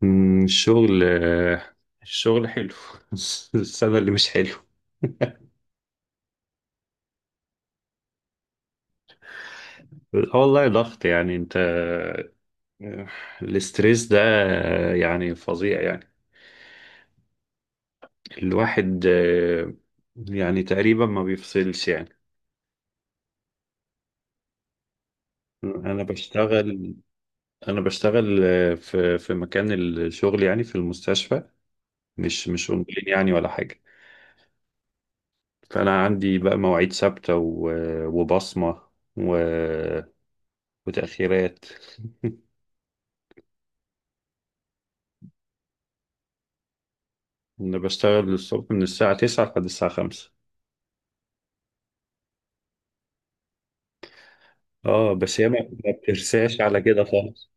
مم، الشغل آه، الشغل حلو. السنة اللي مش حلو. والله ضغط يعني انت آه، الاسترس ده يعني فظيع يعني الواحد يعني تقريبا ما بيفصلش يعني. انا بشتغل انا بشتغل آه، في مكان الشغل يعني في المستشفى، مش اونلاين يعني ولا حاجة. فانا عندي بقى مواعيد ثابتة وبصمة و- وتأخيرات. انا بشتغل الصبح من الساعة 9 لحد الساعة 5. اه بس هي ما بترساش على كده خالص.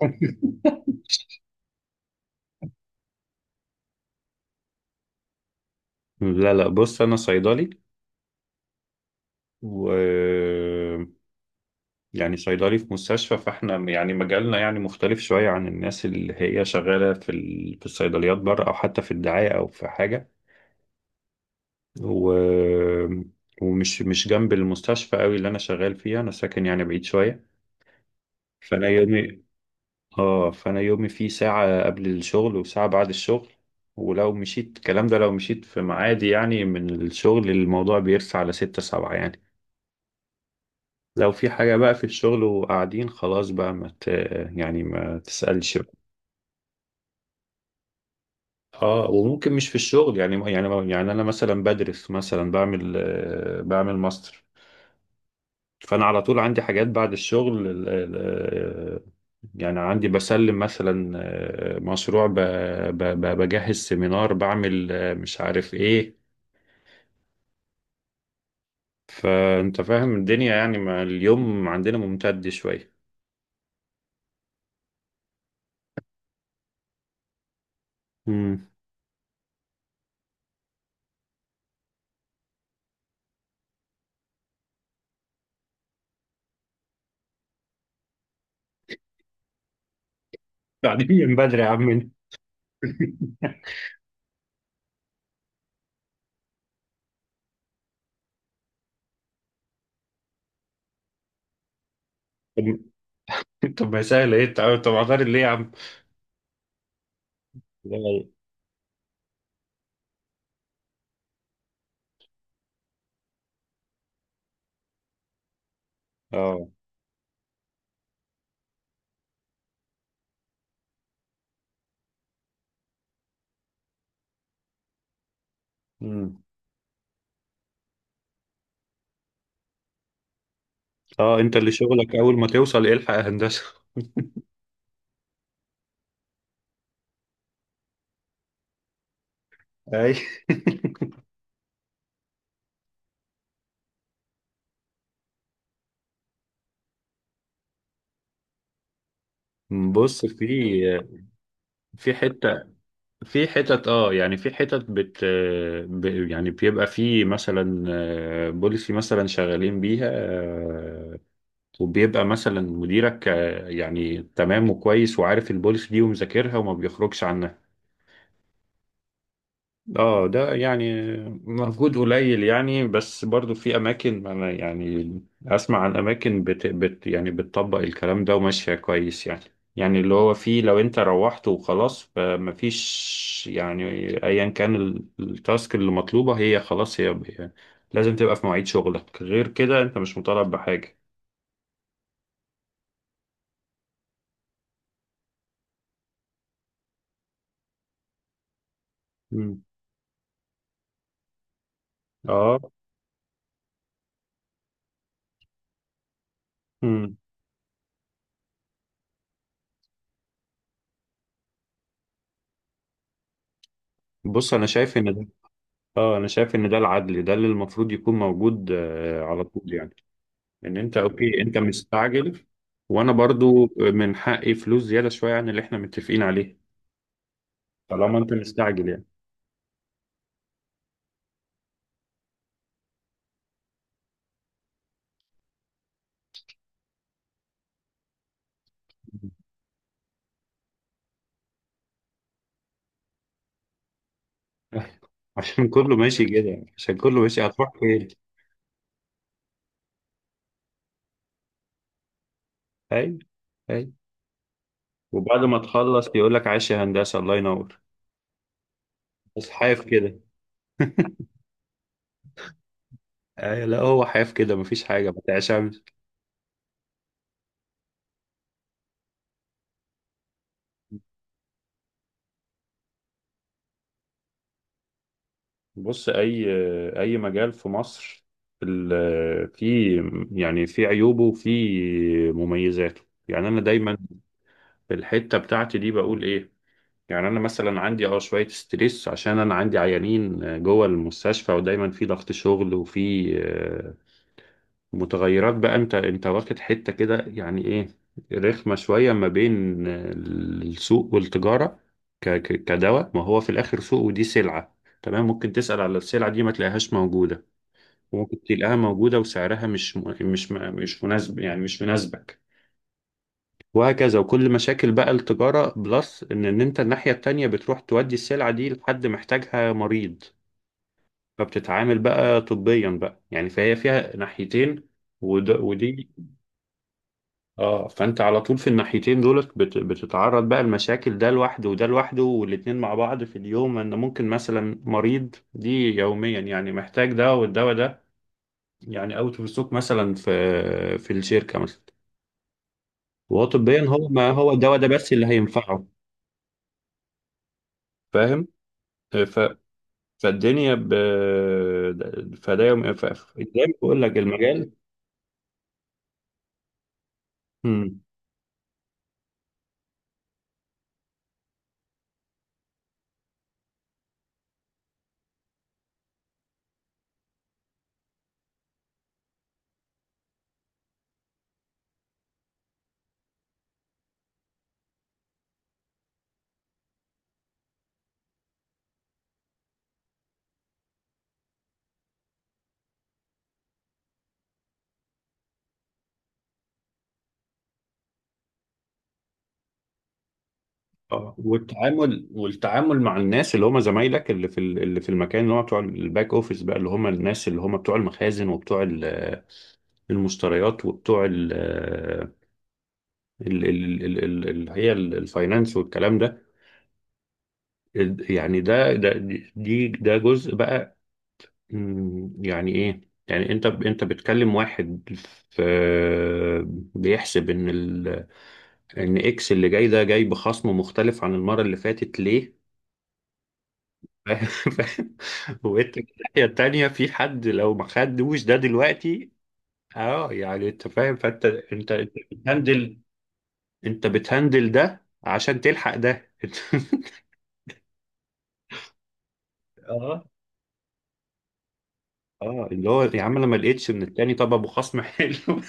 لا، لا، بص انا صيدلي، و يعني صيدلي في مستشفى، فاحنا يعني مجالنا يعني مختلف شوية عن الناس اللي هي شغالة في الصيدليات بره او حتى في الدعاية او في حاجة. و... ومش مش جنب المستشفى قوي اللي انا شغال فيها. انا ساكن يعني بعيد شوية، فانا يومي اه فانا يومي فيه ساعة قبل الشغل وساعة بعد الشغل. ولو مشيت الكلام ده لو مشيت في ميعادي يعني من الشغل، الموضوع بيرسى على ستة سبعة يعني. لو في حاجة بقى في الشغل وقاعدين خلاص بقى ما ت... يعني ما تسألش بقى. اه، وممكن مش في الشغل يعني، يعني انا مثلا بدرس، مثلا بعمل ماستر. فانا على طول عندي حاجات بعد الشغل، يعني عندي بسلم مثلا مشروع، بجهز سيمينار، بعمل مش عارف ايه. فانت فاهم الدنيا يعني، ما اليوم عندنا ممتد شويه. امم قاعدين من بدري يا عم انت. طب طب ما سهل ايه. طب عطارد ليه يا عم. لا. اه. امم اه، انت اللي شغلك اول ما توصل إيه الحق يا هندسه. اي. بص، في حته، في حتت، يعني في حتت، ب- يعني بيبقى في مثلا بوليسي مثلا شغالين بيها وبيبقى مثلا مديرك يعني تمام وكويس وعارف البوليسي دي ومذاكرها وما بيخرجش عنها. اه، ده يعني مجهود قليل يعني، بس برضو في اماكن، انا يعني اسمع عن اماكن بت بت يعني بتطبق الكلام ده وماشيه كويس يعني. يعني اللي هو فيه، لو انت روحت وخلاص فمفيش يعني. ايا كان التاسك اللي مطلوبه، هي خلاص، هي لازم تبقى في مواعيد شغلك. غير كده انت مش مطالب بحاجه. مم. اه. مم. بص، انا شايف ان ده العدل، ده اللي المفروض يكون موجود على طول يعني، ان انت اوكي، انت مستعجل، وانا برضو من حقي فلوس زيادة شوية عن اللي احنا متفقين عليه، طالما انت مستعجل يعني. عشان كله ماشي كده يعني. عشان كله ماشي هتروح فين؟ اي، اي. وبعد ما تخلص يقول لك عايش يا هندسة، الله ينور، بس حايف كده. أي، لا، هو حايف كده، مفيش حاجة ما تعشمش. بص، أي مجال في مصر في يعني في عيوبه وفي مميزاته. يعني أنا دايما في الحتة بتاعتي دي بقول إيه؟ يعني انا مثلا عندي شويه ستريس، عشان انا عندي عيانين جوه المستشفى، ودايما في ضغط شغل وفي متغيرات. بقى انت واخد حته كده يعني ايه، رخمه شويه ما بين السوق والتجاره. كدواء ما هو في الاخر سوق، ودي سلعه، تمام، ممكن تسال على السلعه دي ما تلاقيهاش موجوده، وممكن تلاقيها موجوده وسعرها مش مناسب يعني مش مناسبك، وهكذا. وكل مشاكل بقى التجارة، بلس إن أنت الناحية التانية بتروح تودي السلعة دي لحد محتاجها مريض، فبتتعامل بقى طبيا بقى يعني، فهي فيها ناحيتين. ودي، اه، فأنت على طول في الناحيتين دولت بتتعرض بقى المشاكل، ده لوحده وده لوحده والاتنين مع بعض في اليوم، إن ممكن مثلا مريض دي يوميا يعني محتاج ده، والدواء ده يعني أوت أوف ستوك مثلا، في الشركة مثلا، وهو طبيا، هو ما هو الدواء ده بس اللي هينفعه. فاهم؟ ف... فالدنيا فده يوم، زي ما بقول لك المجال. مم. اه، والتعامل مع الناس اللي هم زمايلك، اللي في المكان، اللي هم بتوع الباك اوفيس بقى، اللي هم الناس اللي هم بتوع المخازن وبتوع المشتريات وبتوع الفاينانس والكلام ده. يعني ده جزء بقى. يعني ايه، يعني انت بتكلم واحد في بيحسب ان ال ان اكس اللي جاي ده جاي بخصم مختلف عن المرة اللي فاتت ليه. فاهم؟ وانت في الناحية التانية في حد لو ما خدوش ده دلوقتي، اه، يعني انت فاهم، فانت انت انت بتهندل انت بتهندل ده عشان تلحق ده. اه، اه، اللي هو يا عم انا ما لقيتش من التاني طب ابو خصم حلو.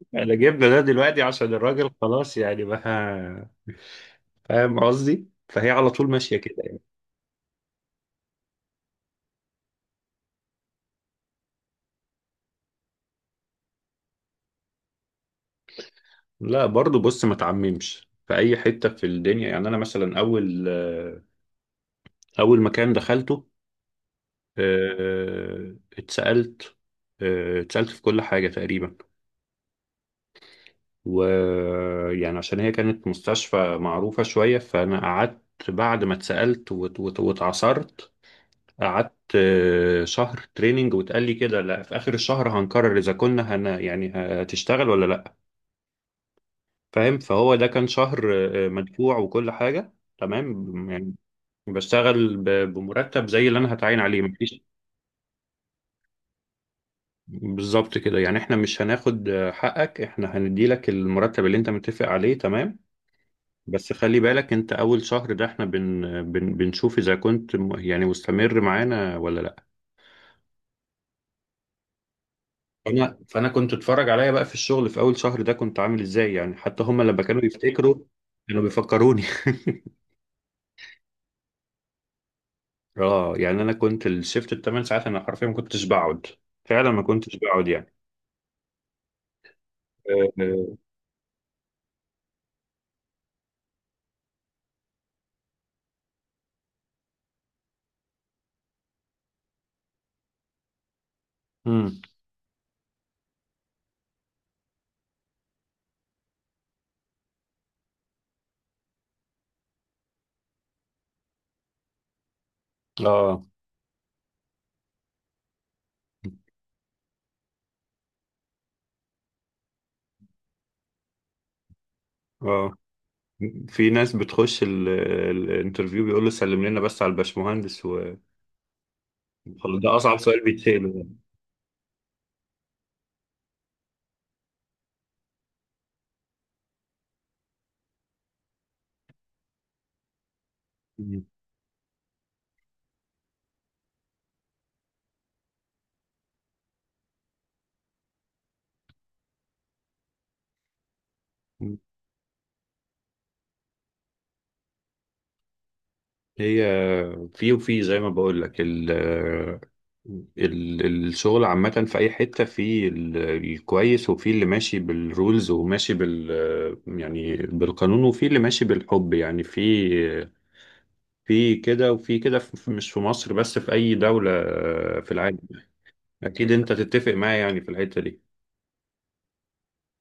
انا جبنا ده دلوقتي عشان الراجل خلاص يعني بقى. فاهم قصدي؟ فهي على طول ماشية كده. لا، برضو بص، ما تعممش في اي حته في الدنيا. يعني انا مثلا اول مكان دخلته، آه، اتسالت اتسالت في كل حاجه تقريبا، ويعني عشان هي كانت مستشفى معروفه شويه، فانا قعدت بعد ما اتسالت واتعصرت، قعدت شهر تريننج، واتقال لي كده، لا، في اخر الشهر هنقرر اذا كنا يعني هتشتغل ولا لا. فاهم؟ فهو ده كان شهر مدفوع وكل حاجه تمام يعني، بشتغل بمرتب زي اللي انا هتعين عليه، مفيش بالظبط كده يعني، احنا مش هناخد حقك، احنا هندي لك المرتب اللي انت متفق عليه، تمام، بس خلي بالك انت اول شهر ده احنا بن بن بنشوف اذا كنت يعني مستمر معانا ولا لا. فانا كنت اتفرج عليا بقى في الشغل في اول شهر ده كنت عامل ازاي يعني، حتى هم لما كانوا يفتكروا كانوا بيفكروني. اه، يعني انا كنت الشيفت الـ 8 ساعات انا حرفيا ما كنتش بقعد، فعلا ما كنتش بقعد يعني. آه، آه، امم اه اه في ناس بتخش الانترفيو، بيقول له سلم لنا بس على الباشمهندس وخلاص، ده اصعب سؤال بيتساله يعني. مم. هي في وفي زي ما بقول لك الشغل عامة في أي حتة، في الكويس، وفي اللي ماشي بالرولز وماشي يعني بالقانون، وفي اللي ماشي بالحب يعني، في كده وفي كده، مش في مصر بس، في أي دولة في العالم. أكيد أنت تتفق معايا يعني في الحتة دي.